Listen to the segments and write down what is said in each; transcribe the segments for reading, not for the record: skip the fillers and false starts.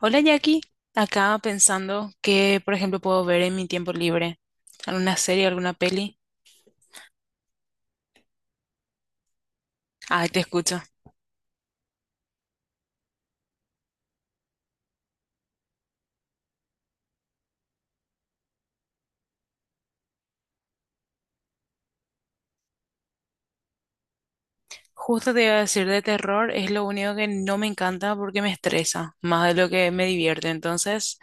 Hola Jackie, acá pensando que, por ejemplo, puedo ver en mi tiempo libre. ¿Alguna serie, alguna peli? Ay, te escucho. Justo te iba a decir de terror, es lo único que no me encanta porque me estresa, más de lo que me divierte. Entonces,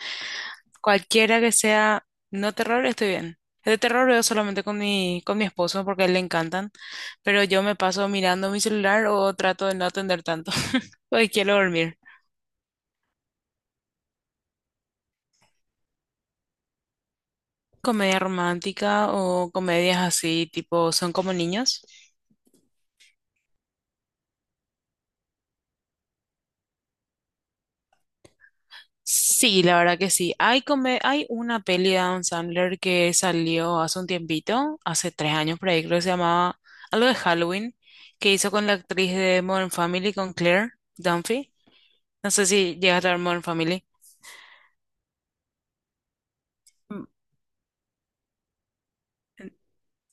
cualquiera que sea no terror, estoy bien. De terror veo solamente con mi esposo porque a él le encantan, pero yo me paso mirando mi celular o trato de no atender tanto, porque quiero dormir. Comedia romántica o comedias así, tipo, ¿son como niños? Sí, la verdad que sí. Hay una peli de Adam Sandler que salió hace un tiempito, hace 3 años por ahí, creo que se llamaba algo de Halloween, que hizo con la actriz de Modern Family, con Claire Dunphy. No sé si llegaste a ver Modern Family. Mm,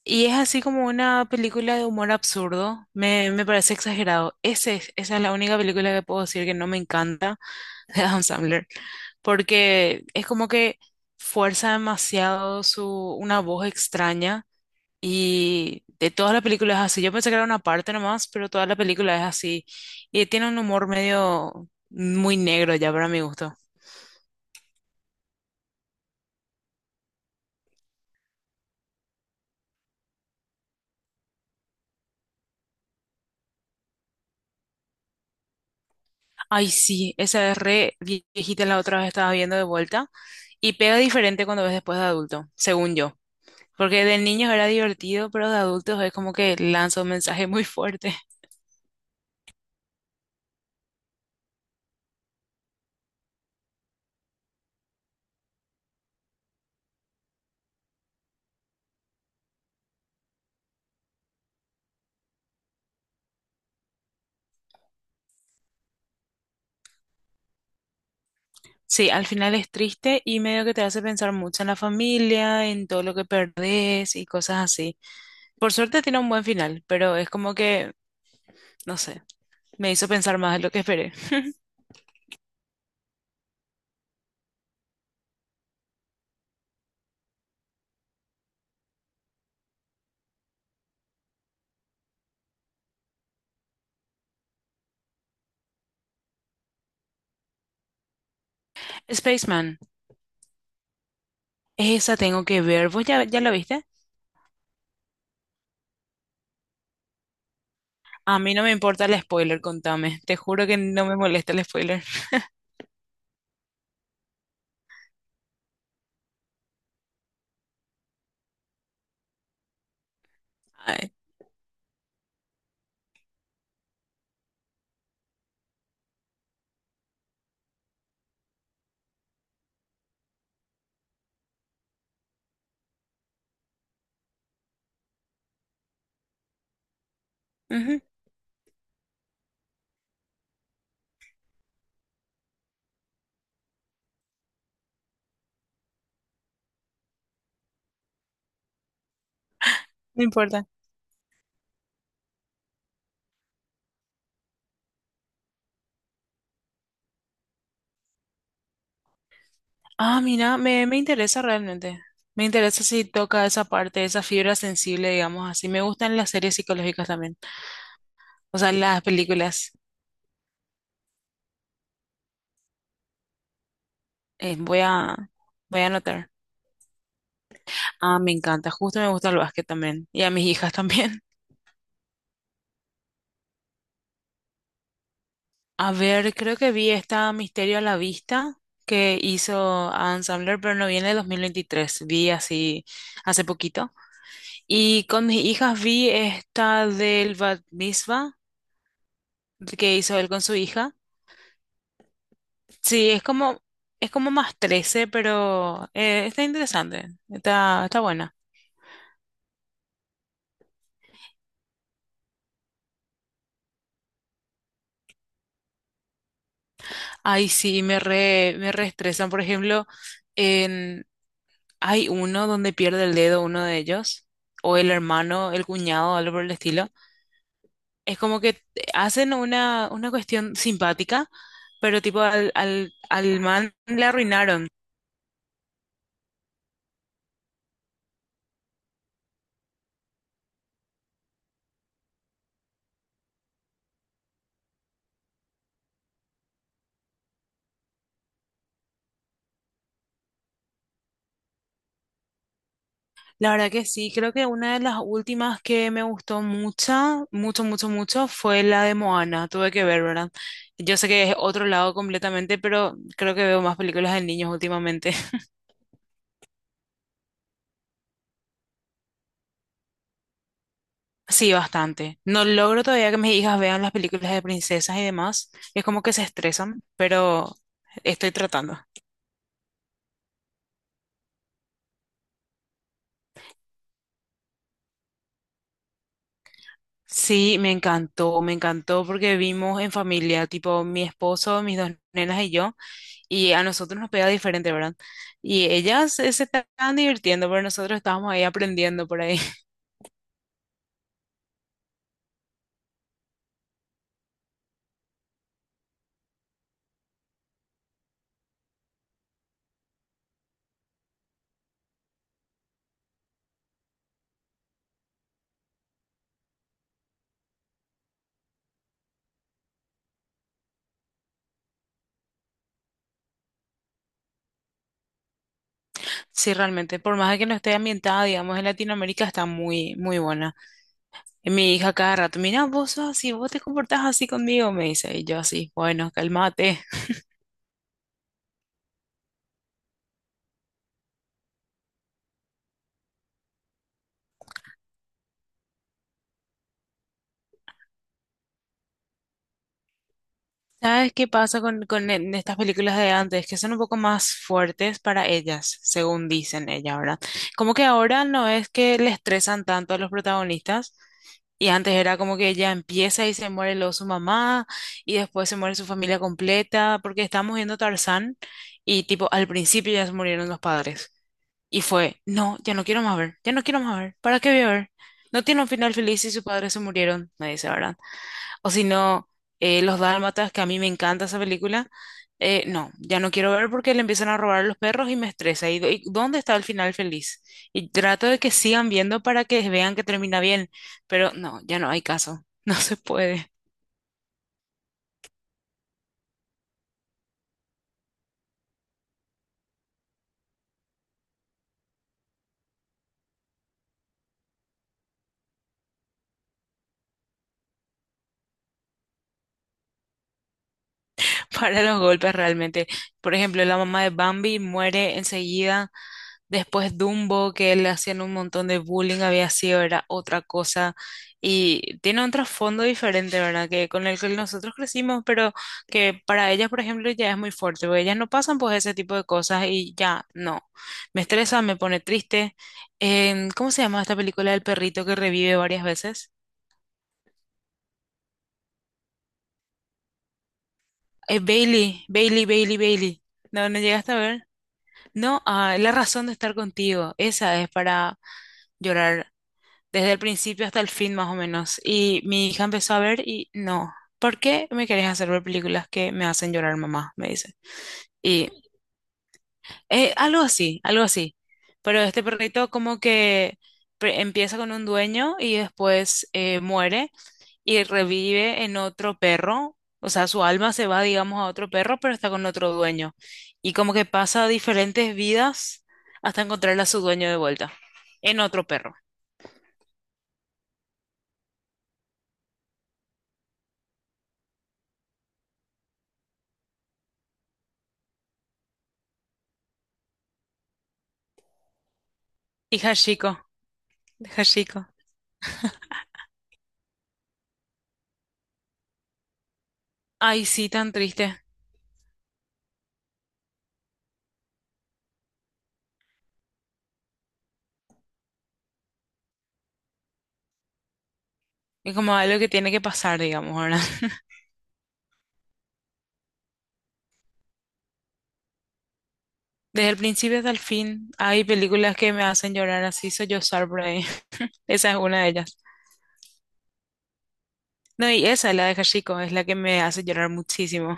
Y es así como una película de humor absurdo. Me parece exagerado. Esa es la única película que puedo decir que no me encanta de Adam Sandler, porque es como que fuerza demasiado su, una voz extraña, y de todas las películas es así. Yo pensé que era una parte nomás, pero toda la película es así y tiene un humor medio muy negro ya para mi gusto. Ay, sí, esa es re viejita, la otra vez estaba viendo de vuelta y pega diferente cuando ves después de adulto, según yo. Porque de niños era divertido, pero de adultos es como que lanza un mensaje muy fuerte. Sí, al final es triste y medio que te hace pensar mucho en la familia, en todo lo que perdés y cosas así. Por suerte tiene un buen final, pero es como que, no sé, me hizo pensar más de lo que esperé. Spaceman, esa tengo que ver. ¿Vos ya la viste? A mí no me importa el spoiler, contame. Te juro que no me molesta el spoiler. Ay, ujú, no importa. Ah, mira, me interesa realmente. Me interesa si toca esa parte, esa fibra sensible, digamos así. Me gustan las series psicológicas también. O sea, las películas. Eh, voy a, voy a anotar. Ah, me encanta. Justo me gusta el básquet también. Y a mis hijas también. A ver, creo que vi esta Misterio a la Vista que hizo Adam Sandler, pero no viene de 2023. Vi así hace poquito. Y con mis hijas vi esta del Bat Mitzvah que hizo él con su hija. Sí, es como más 13, pero está interesante. Está buena. Ay, sí, me reestresan, por ejemplo. Hay uno donde pierde el dedo uno de ellos, o el hermano, el cuñado, algo por el estilo. Es como que hacen una cuestión simpática, pero tipo al man le arruinaron. La verdad que sí, creo que una de las últimas que me gustó mucho, mucho, mucho, mucho, fue la de Moana. Tuve que ver, ¿verdad? Yo sé que es otro lado completamente, pero creo que veo más películas de niños últimamente. Sí, bastante. No logro todavía que mis hijas vean las películas de princesas y demás. Es como que se estresan, pero estoy tratando. Sí, me encantó porque vimos en familia, tipo mi esposo, mis dos nenas y yo, y a nosotros nos pega diferente, ¿verdad? Y ellas se estaban divirtiendo, pero nosotros estábamos ahí aprendiendo por ahí. Sí, realmente, por más de que no esté ambientada, digamos, en Latinoamérica, está muy, muy buena. Mi hija cada rato, mira, vos sos así, vos te comportás así conmigo, me dice. Y yo así, bueno, cálmate. ¿Sabes qué pasa con, en estas películas de antes? Que son un poco más fuertes para ellas, según dicen ellas, ¿verdad? Como que ahora no es que le estresan tanto a los protagonistas. Y antes era como que ella empieza y se muere luego su mamá, y después se muere su familia completa, porque estamos viendo Tarzán y tipo al principio ya se murieron los padres. Y fue, no, ya no quiero más ver, ya no quiero más ver, ¿para qué voy a ver? No tiene un final feliz si sus padres se murieron, me dice, ¿verdad? O si no, Los Dálmatas, que a mí me encanta esa película, no, ya no quiero ver porque le empiezan a robar a los perros y me estresa. ¿Y, y dónde está el final feliz? Y trato de que sigan viendo para que vean que termina bien, pero no, ya no hay caso, no se puede. Para los golpes realmente. Por ejemplo, la mamá de Bambi muere enseguida. Después Dumbo, que le hacían un montón de bullying, había sido, era otra cosa. Y tiene un trasfondo diferente, ¿verdad? Que con el que nosotros crecimos, pero que para ellas, por ejemplo, ya es muy fuerte, porque ellas no pasan por ese tipo de cosas y ya no. Me estresa, me pone triste. ¿Cómo se llama esta película del perrito que revive varias veces? Bailey, Bailey, Bailey, Bailey. No, no llegaste a ver. No, ah, la razón de estar contigo, esa es para llorar desde el principio hasta el fin más o menos. Y mi hija empezó a ver y no, ¿por qué me querés hacer ver películas que me hacen llorar, mamá? Me dice. Y algo así, algo así. Pero este perrito como que empieza con un dueño y después muere y revive en otro perro, o sea, su alma se va, digamos, a otro perro, pero está con otro dueño. Y como que pasa diferentes vidas hasta encontrar a su dueño de vuelta, en otro perro. Y Hashiko, de Hashiko. Ay, sí, tan triste. Es como algo que tiene que pasar, digamos, ahora. Desde el principio hasta el fin, hay películas que me hacen llorar así, soy yo por ahí. Esa es una de ellas. No, y esa, la de Hashiko, es la que me hace llorar muchísimo.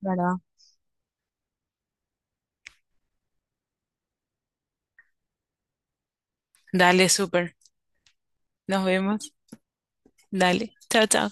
¿Verdad? Dale, súper. Nos vemos. Dale. Chao, chao.